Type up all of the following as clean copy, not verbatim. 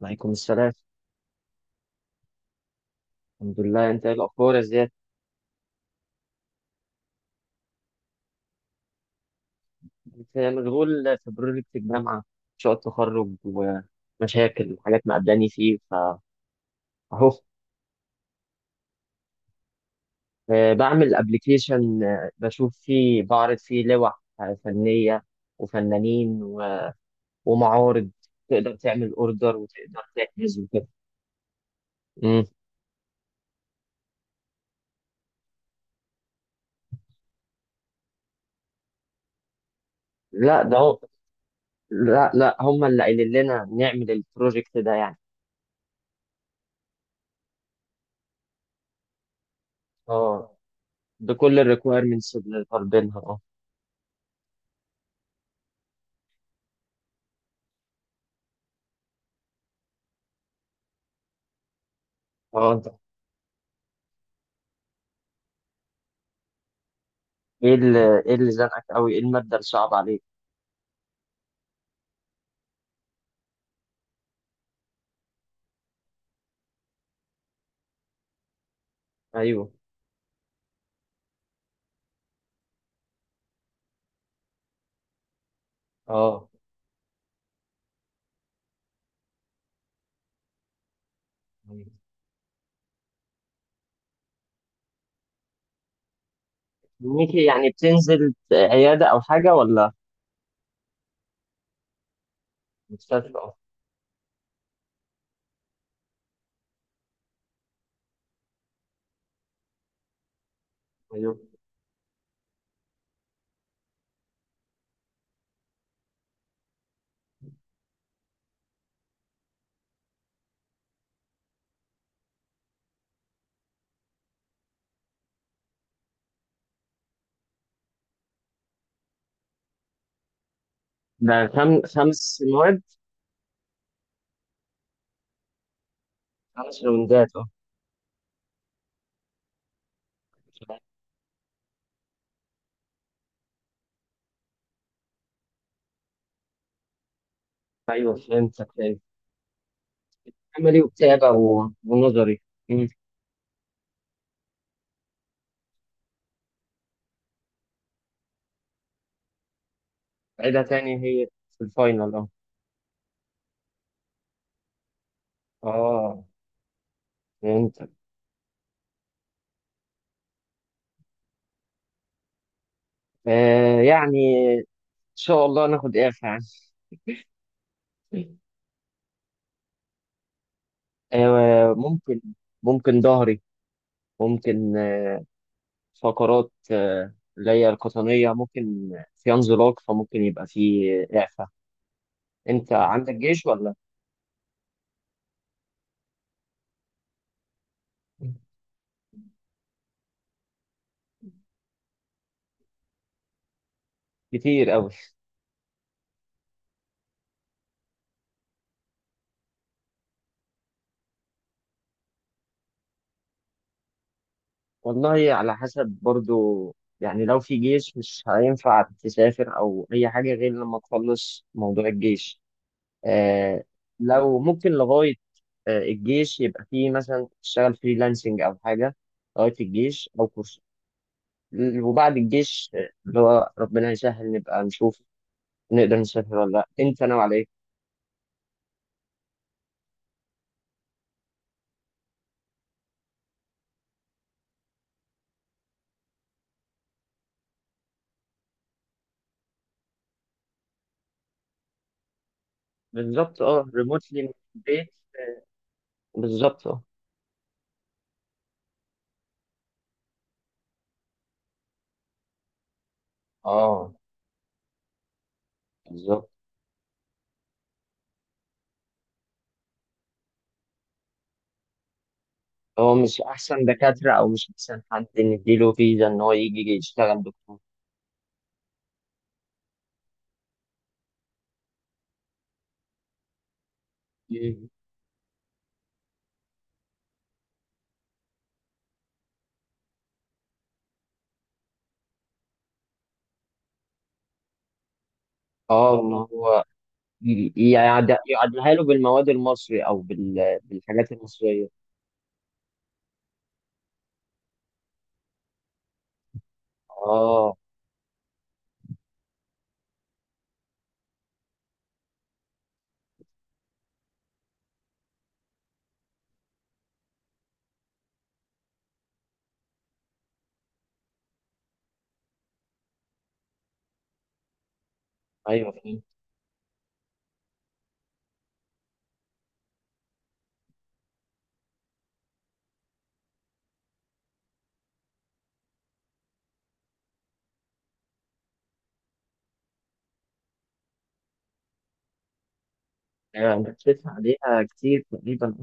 وعليكم السلام. الحمد لله. انت ايه الاخبار يا زياد؟ انت مشغول في بروجكت الجامعه، مشروع التخرج ومشاكل وحاجات مقابلاني فيه فاهو. بعمل ابلكيشن. بشوف فيه، بعرض فيه لوح فنيه وفنانين ومعارض. تقدر تعمل اوردر وتقدر تحجز وكده. مم. لا ده هو لا لا، هم اللي قايلين لنا نعمل البروجكت ده يعني. اه، بكل الريكويرمنتس اللي طالبينها، اه. اه، ايه اللي زنقك قوي؟ ايه المادة اللي صعبة عليك؟ ايوه، اه، أيوة. ميكي، يعني بتنزل عيادة او حاجة ولا مستشفى؟ اه. ايوه. ده خمس مواد، خمس روندات، اه. ايوه، فهمتك، فهمت. عملي، وبتابع ونظري. مم. عيدها تاني هي، في الفاينل، اه. اه، فهمتك. آه يعني ان شاء الله ناخد اعفاء. يعني، آه ممكن. ممكن ظهري، ممكن فقرات اللي هي القطنية. ممكن في انزلاق فممكن يبقى في إعفاء. أنت عندك جيش ولا؟ كتير قوي. والله على حسب برضو، يعني لو في جيش مش هينفع تسافر او اي حاجه غير لما تخلص موضوع الجيش. آه. لو ممكن لغايه الجيش، يبقى في مثلا تشتغل فريلانسنج او حاجه لغايه الجيش، او كورس. وبعد الجيش اللي هو ربنا يسهل نبقى نشوف نقدر نسافر ولا لا. انت ناوي على ايه؟ بالظبط، اه، ريموتلي من البيت. بالظبط، اه. اه، بالظبط. هو مش احسن دكاترة؟ او مش احسن حد نديله فيزا ان هو يجي يشتغل دكتور. مم. اه، ما هو يعدلها له بالمواد المصري او بالحاجات المصرية. اه. ايوه، فهمت. يعني انت بتدفع عليها كتير تقريبا.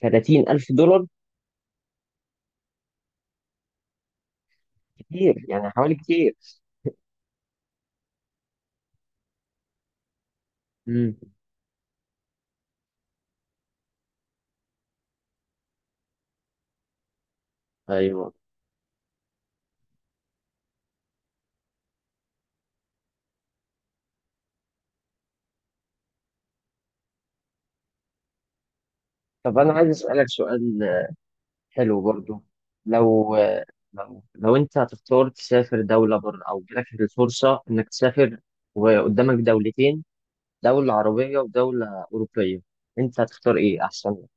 $30,000؟ كتير يعني، حوالي كتير. امم. ايوه. طب انا عايز اسالك سؤال، حلو برضو. لو لو انت هتختار تسافر دولة بره، او جالك الفرصة انك تسافر وقدامك دولتين، دولة عربية ودولة أوروبية، انت هتختار ايه احسن لك؟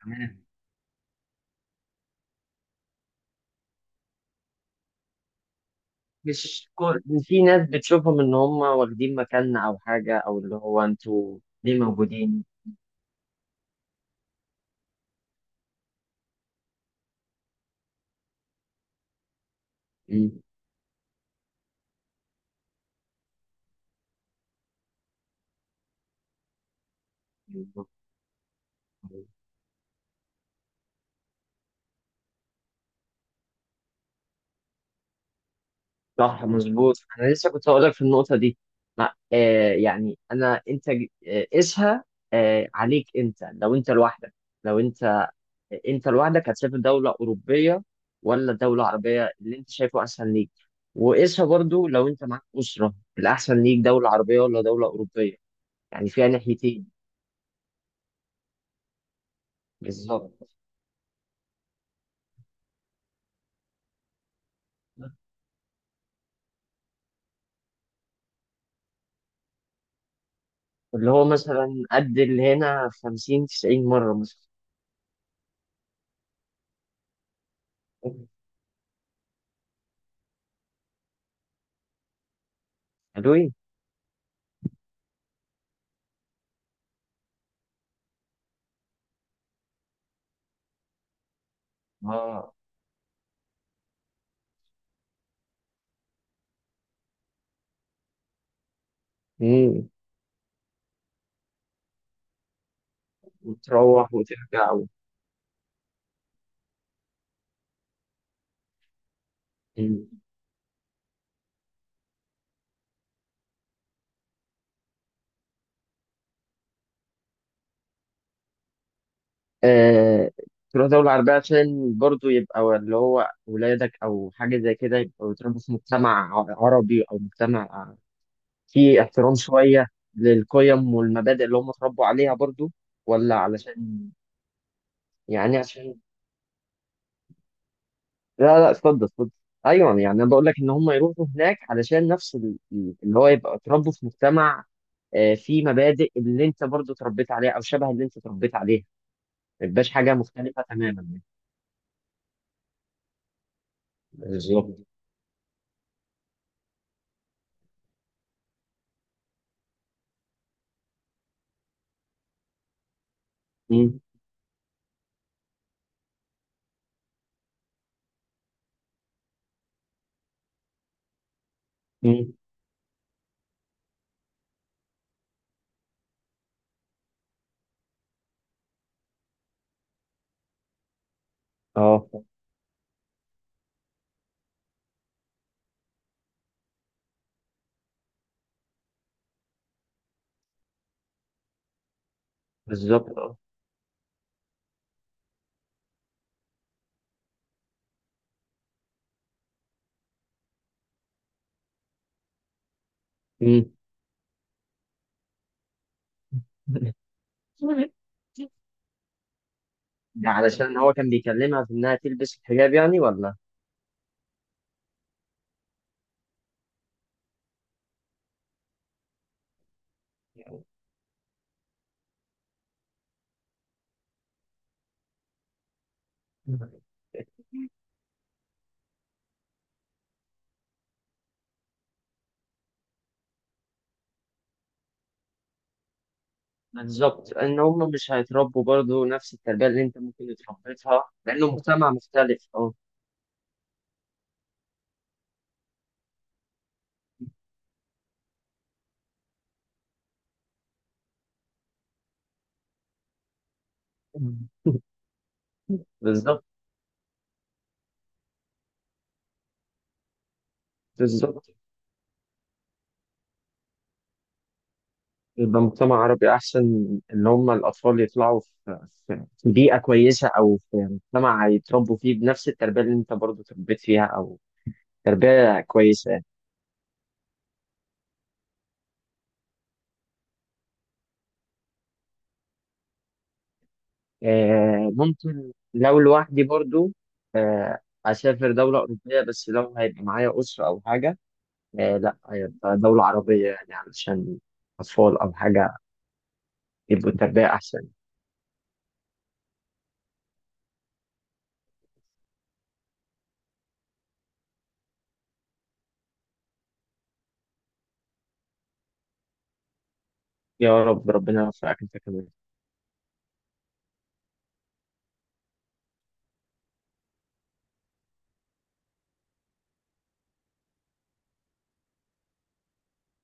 تمام. مش كل، في ناس بتشوفهم ان هم واخدين مكاننا او حاجة، او اللي هو انتوا ليه موجودين. مم. صح، مظبوط. انا لسه كنت هقول لك في النقطه دي. ما آه يعني، انا انت قيسها آه عليك. انت لو انت لوحدك، لو انت انت لوحدك، هتسافر دوله اوروبيه ولا دوله عربيه اللي انت شايفه احسن ليك؟ وقيسها برضو، لو انت معاك اسره، الاحسن ليك دوله عربيه ولا دوله اوروبيه؟ يعني فيها ناحيتين. بالظبط. اللي هو مثلا قد اللي هنا 50 90 مره مثلا. حلوين. اه، امم. وتروح وترجع. مم. آه، تروح دولة عربية عشان برضو يبقى اللي هو ولادك أو حاجة زي كده يبقوا بيتربوا في مجتمع عربي، أو مجتمع فيه احترام شوية للقيم والمبادئ اللي هم اتربوا عليها برضو. ولا علشان، يعني عشان، لا لا، اتفضل اتفضل. أيوه، يعني أنا بقول لك إن هم يروحوا هناك علشان نفس اللي هو يبقى اتربوا في مجتمع فيه مبادئ اللي أنت برضو اتربيت عليها، أو شبه اللي أنت اتربيت عليها. ما يبقاش حاجة مختلفة تماما يعني. بالظبط. مم. اه، بالظبط، اه. مم. ده علشان هو كان بيكلمها في انها تلبس الحجاب يعني، ولا؟ بالظبط. ان هم مش هيتربوا برضو نفس التربيه اللي انت ممكن اتربيتها لانه مجتمع مختلف، اه. بالظبط. بالظبط، يبقى مجتمع عربي احسن، ان هم الاطفال يطلعوا في في بيئه كويسه، او في مجتمع هيتربوا فيه بنفس التربيه اللي انت برضو تربيت فيها، او تربيه كويسه. ممكن لو لوحدي برضو، آه، أسافر دولة أوروبية. بس لو هيبقى معايا أسرة أو حاجة، لأ، هيبقى دولة عربية يعني، علشان أطفال أو حاجة يبقوا التربية أحسن. يا رب. ربنا يوفقك أنت كمان.